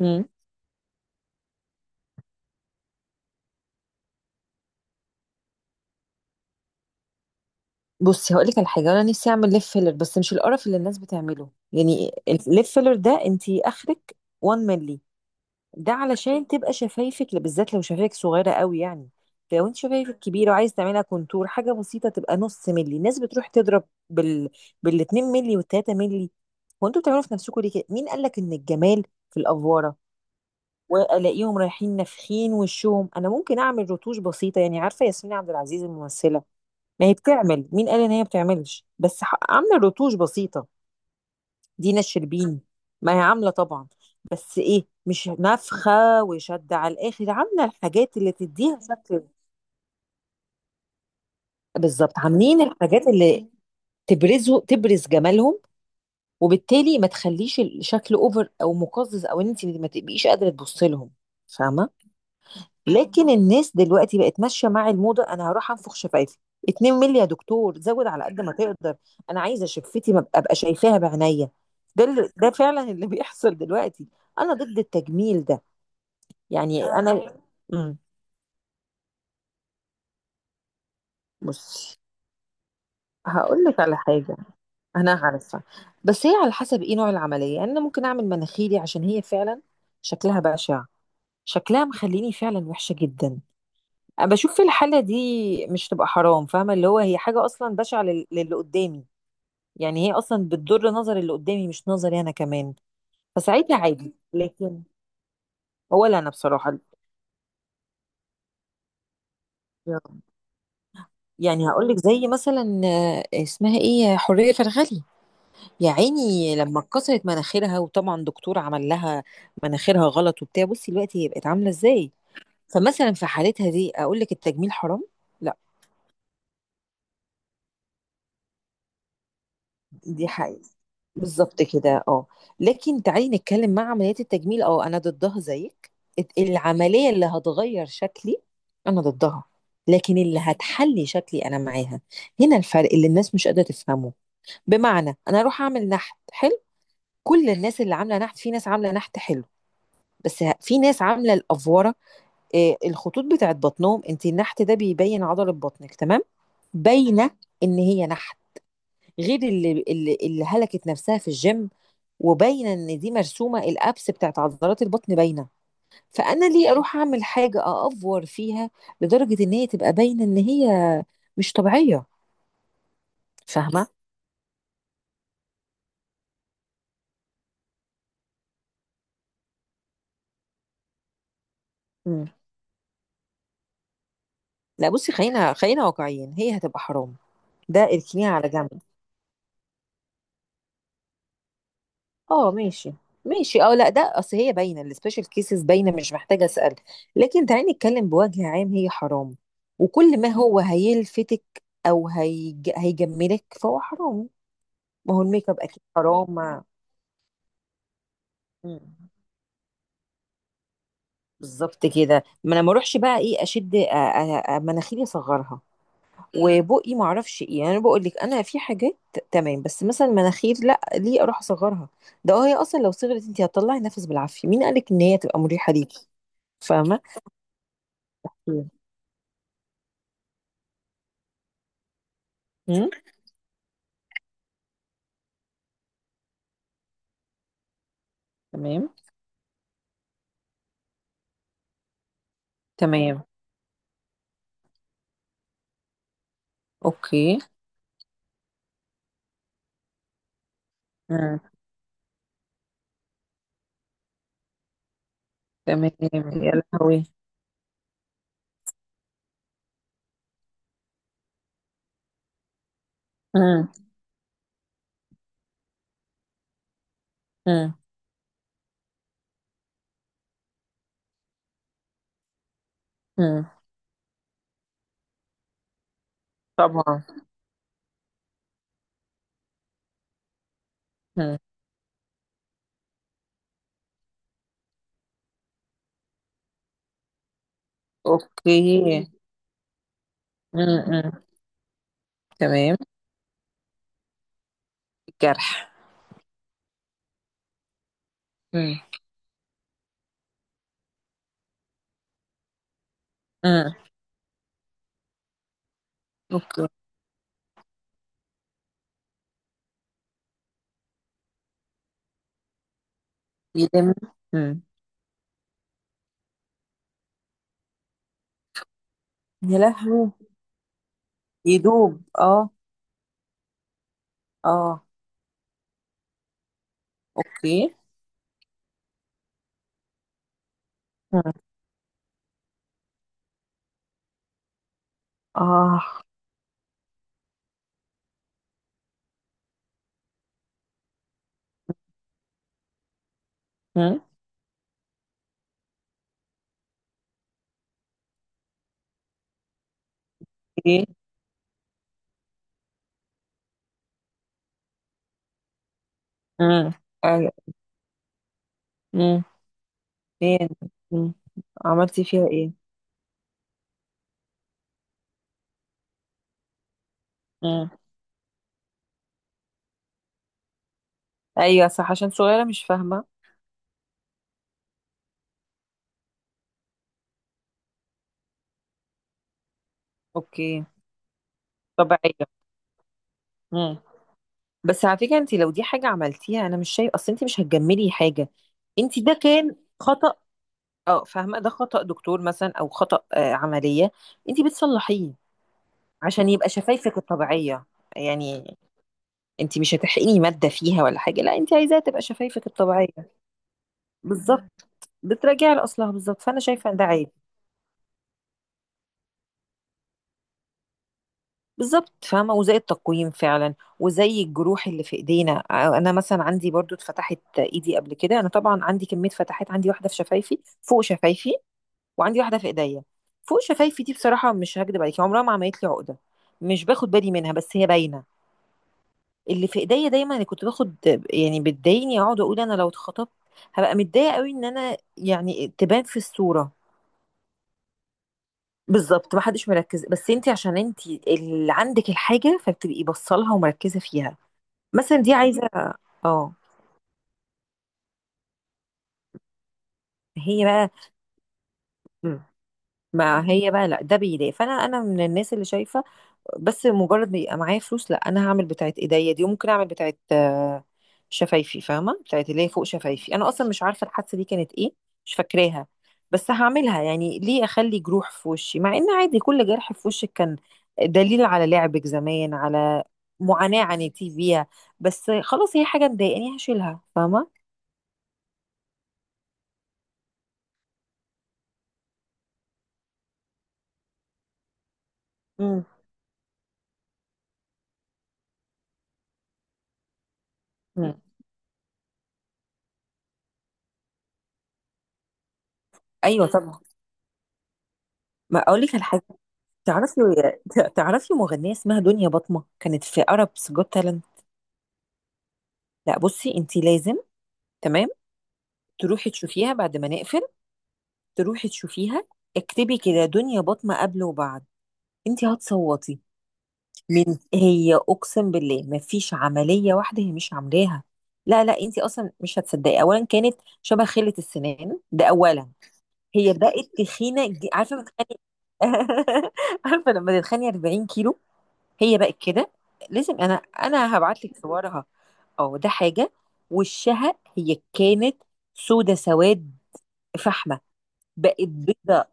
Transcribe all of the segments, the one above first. مم. بصي، هقول لك على حاجه. انا نفسي اعمل ليب فيلر، بس مش القرف اللي الناس بتعمله يعني. الليب فيلر ده انت اخرك 1 مللي، ده علشان تبقى شفايفك، بالذات لو شفايفك صغيره قوي يعني. لو انت شفايفك كبيره وعايز تعملها كونتور حاجه بسيطه، تبقى نص مللي. الناس بتروح تضرب بال بال 2 مللي وال 3 مللي. وانتوا بتعملوا في نفسكم ليه كده؟ مين قال لك ان الجمال في الافواره؟ والاقيهم رايحين نافخين وشهم. انا ممكن اعمل رتوش بسيطه يعني. عارفه ياسمين عبد العزيز الممثله؟ ما هي بتعمل، مين قال ان هي بتعملش، بس عامله رتوش بسيطه. دينا الشربيني، ما هي عامله طبعا، بس ايه؟ مش نفخه وشد على الاخر، عامله الحاجات اللي تديها شكل. بالظبط، عاملين الحاجات اللي تبرزه، تبرز جمالهم، وبالتالي ما تخليش الشكل اوفر او مقزز او ان انت ما تبقيش قادره تبص لهم. فاهمه؟ لكن الناس دلوقتي بقت ماشيه مع الموضه، انا هروح انفخ شفايفي 2 مللي يا دكتور، زود على قد ما تقدر. انا عايزه شفتي ما ابقى شايفاها بعينيا. ده فعلا اللي بيحصل دلوقتي. انا ضد التجميل ده. يعني انا. امم بص، هقول لك على حاجه. انا عارفه، بس هي على حسب ايه نوع العمليه يعني. انا ممكن اعمل مناخيري عشان هي فعلا شكلها بشع، شكلها مخليني فعلا وحشه جدا. بشوف، في الحالة دي مش تبقى حرام، فاهمة؟ اللي هو هي حاجة أصلا بشعة للي قدامي، يعني هي أصلا بتضر نظر اللي قدامي، مش نظري أنا كمان. فساعتها عادي. لكن هو لا، أنا بصراحة، يعني هقول لك. زي مثلا اسمها ايه، حورية فرغلي، يا عيني، لما اتكسرت مناخيرها وطبعا دكتور عمل لها مناخيرها غلط وبتاع. بصي دلوقتي هي بقت عاملة ازاي. فمثلا في حالتها دي أقول لك التجميل حرام؟ لا. دي حقيقة، بالظبط كده، اه. لكن تعالي نتكلم مع عمليات التجميل، اه انا ضدها زيك. العملية اللي هتغير شكلي انا ضدها. لكن اللي هتحلي شكلي انا معاها. هنا الفرق اللي الناس مش قادرة تفهمه. بمعنى انا اروح اعمل نحت حلو. كل الناس اللي عاملة نحت، في ناس عاملة نحت حلو، في ناس عاملة الأفورة. إيه الخطوط بتاعت بطنهم؟ انت النحت ده بيبين عضلة بطنك، تمام، باينة ان هي نحت، غير اللي هلكت نفسها في الجيم وباينه ان دي مرسومه. الابس بتاعت عضلات البطن باينه، فانا ليه اروح اعمل حاجه اافور فيها لدرجه ان هي تبقى باينه ان هي مش طبيعيه؟ فاهمه؟ مم. لا بصي، خلينا خلينا واقعيين، هي هتبقى حرام، ده اركنيها على جنب. اه ماشي. ماشي اه، لا ده اصل هي باينه، السبيشال كيسز باينه، مش محتاجه اسال. لكن تعالي نتكلم بوجه عام، هي حرام، وكل ما هو هيلفتك او هيجملك فهو حرام. ما هو الميك اب اكيد حرام. مم. بالظبط كده. ما انا ما اروحش بقى ايه اشد مناخيري، اصغرها. مم. وبقي ما اعرفش ايه يعني. انا بقول لك، انا في حاجات تمام، بس مثلا مناخير لا، ليه اروح اصغرها؟ ده هي اصلا لو صغرت انت هتطلعي نفس بالعافيه، مين قالك ان هي تبقى مريحه ليكي؟ فاهمه؟ امم. تمام. تمام. اوكي. امم. تمام. يا لهوي. امم. امم. امم. طبعا. امم. اوكي. امم. امم. تمام. الجرح. امم. امم. اوكي. يدم. يا لهوي. يدوب اه. اه. اوكي. مم. اه. مم. ايه. مم. أيوة. مم. فين؟ مم. عملتي فيها ايه؟ مم. ايوه صح، عشان صغيره مش فاهمه. اوكي. طبيعيه. مم. بس على فكره، انت لو دي حاجه عملتيها، انا مش شايف، اصل انت مش هتجملي حاجه، انت ده كان خطأ. اه فاهمه، ده خطأ دكتور مثلا، او خطأ عمليه انت بتصلحيه عشان يبقى شفايفك الطبيعيه يعني. انت مش هتحرقي مادة فيها ولا حاجة، لا، انت عايزاها تبقى شفايفك الطبيعية. بالظبط، بتراجعي لأصلها بالظبط، فأنا شايفة ان ده عادي. بالظبط، فاهمة؟ وزي التقويم فعلا، وزي الجروح اللي في ايدينا. انا مثلا عندي برضو اتفتحت ايدي قبل كده، انا طبعا عندي كمية فتحات، عندي واحدة في شفايفي فوق شفايفي، وعندي واحدة في ايديا. فوق شفايفي دي بصراحة مش هكدب عليكي، عمرها ما عملت لي عقدة، مش باخد بالي منها، بس هي باينة. اللي في ايديا دايما اللي كنت باخد، يعني بتضايقني، اقعد اقول انا لو اتخطبت هبقى متضايقه قوي ان انا يعني تبان في الصوره. بالظبط، ما حدش مركز، بس انت عشان انت اللي عندك الحاجه فبتبقي بصلها ومركزه فيها. مثلا دي عايزه. اه، هي بقى. مم. ما هي بقى، لا ده بيضايق، فانا من الناس اللي شايفه، بس مجرد ما يبقى معايا فلوس، لا انا هعمل بتاعت ايديا دي، وممكن اعمل بتاعت شفايفي، فاهمه؟ بتاعت اللي هي فوق شفايفي، انا اصلا مش عارفه الحادثه دي كانت ايه، مش فاكراها. بس هعملها يعني، ليه اخلي جروح في وشي مع ان عادي كل جرح في وشك كان دليل على لعبك زمان، على معاناه عانيتي فيها، بس خلاص هي حاجه مضايقاني، هشيلها، فاهمه؟ مم. مم. ايوه طبعا. ما اقول لك على حاجه. تعرفي، تعرفي مغنيه اسمها دنيا بطمه، كانت في عرب جوت تالنت؟ لا بصي انت لازم، تمام، تروحي تشوفيها بعد ما نقفل، تروحي تشوفيها. اكتبي كده دنيا بطمة قبل وبعد، انت هتصوتي من. هي اقسم بالله مفيش عملية واحدة هي مش عاملاها. لا لا، انت اصلا مش هتصدقي، اولا كانت شبه خلة السنان ده اولا. هي بقت تخينة عارفة، بتخني عارفة، لما تتخني 40 كيلو. هي بقت كده، لازم انا هبعت لك صورها. اه ده حاجة. وشها هي كانت سودة، سواد فحم. بقت بيضة.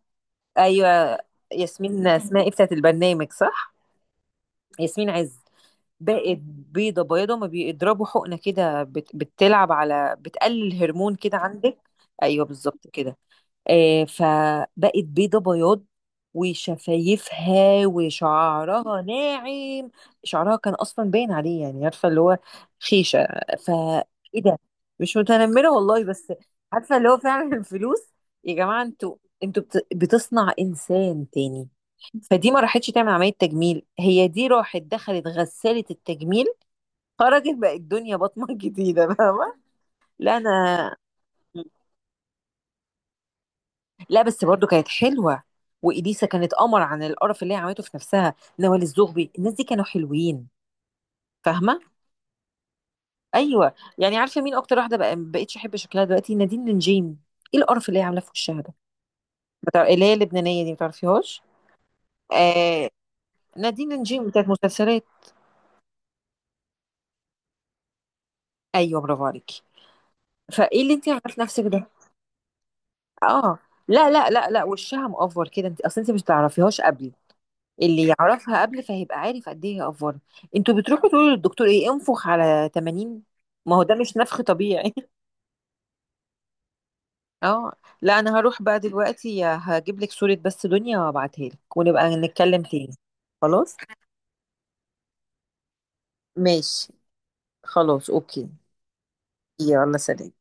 ايوه ياسمين اسمها ايه بتاعت البرنامج، صح. ياسمين عز. بقت بيضة بيضة، ما بيضربوا حقنة كده بتلعب على، بتقلل هرمون كده عندك. ايوه بالظبط كده. فبقت بيضة بياض، وشفايفها، وشعرها ناعم. شعرها كان اصلا باين عليه، يعني عارفه اللي هو خيشه. ف ايه ده؟ مش متنمره والله، بس عارفه اللي هو فعلا الفلوس. يا جماعه انتوا، انتوا بتصنع انسان تاني. فدي ما راحتش تعمل عمليه تجميل، هي دي راحت دخلت غساله التجميل، خرجت بقت الدنيا بطمه جديده، فاهمه؟ لا انا. لا بس برضو كانت حلوه، واليسا كانت قمر عن القرف اللي هي عملته في نفسها، نوال الزغبي، الناس دي كانوا حلوين. فاهمه؟ ايوه يعني عارفه مين اكتر واحده بقى ما بقتش احب شكلها دلوقتي؟ نادين نجيم. ايه القرف اللي هي عاملاه في وشها ده؟ اللي هي اللبنانيه دي، ما تعرفيهاش؟ آه، نادين نجيم بتاعت مسلسلات. ايوه برافو عليكي. فايه اللي انت عملت نفسك ده؟ اه لا لا لا لا، وشها مقفر كده، انت اصل انت مش تعرفيهاش قبل. اللي يعرفها قبل فهيبقى عارف قد ايه هي افوره. انتوا بتروحوا تقولوا للدكتور ايه؟ انفخ على 80. ما هو ده مش نفخ طبيعي اه، لا انا هروح بقى دلوقتي، هجيب لك صورة بس دنيا وابعتها لك ونبقى نتكلم تاني. خلاص ماشي. خلاص اوكي. يلا سلام.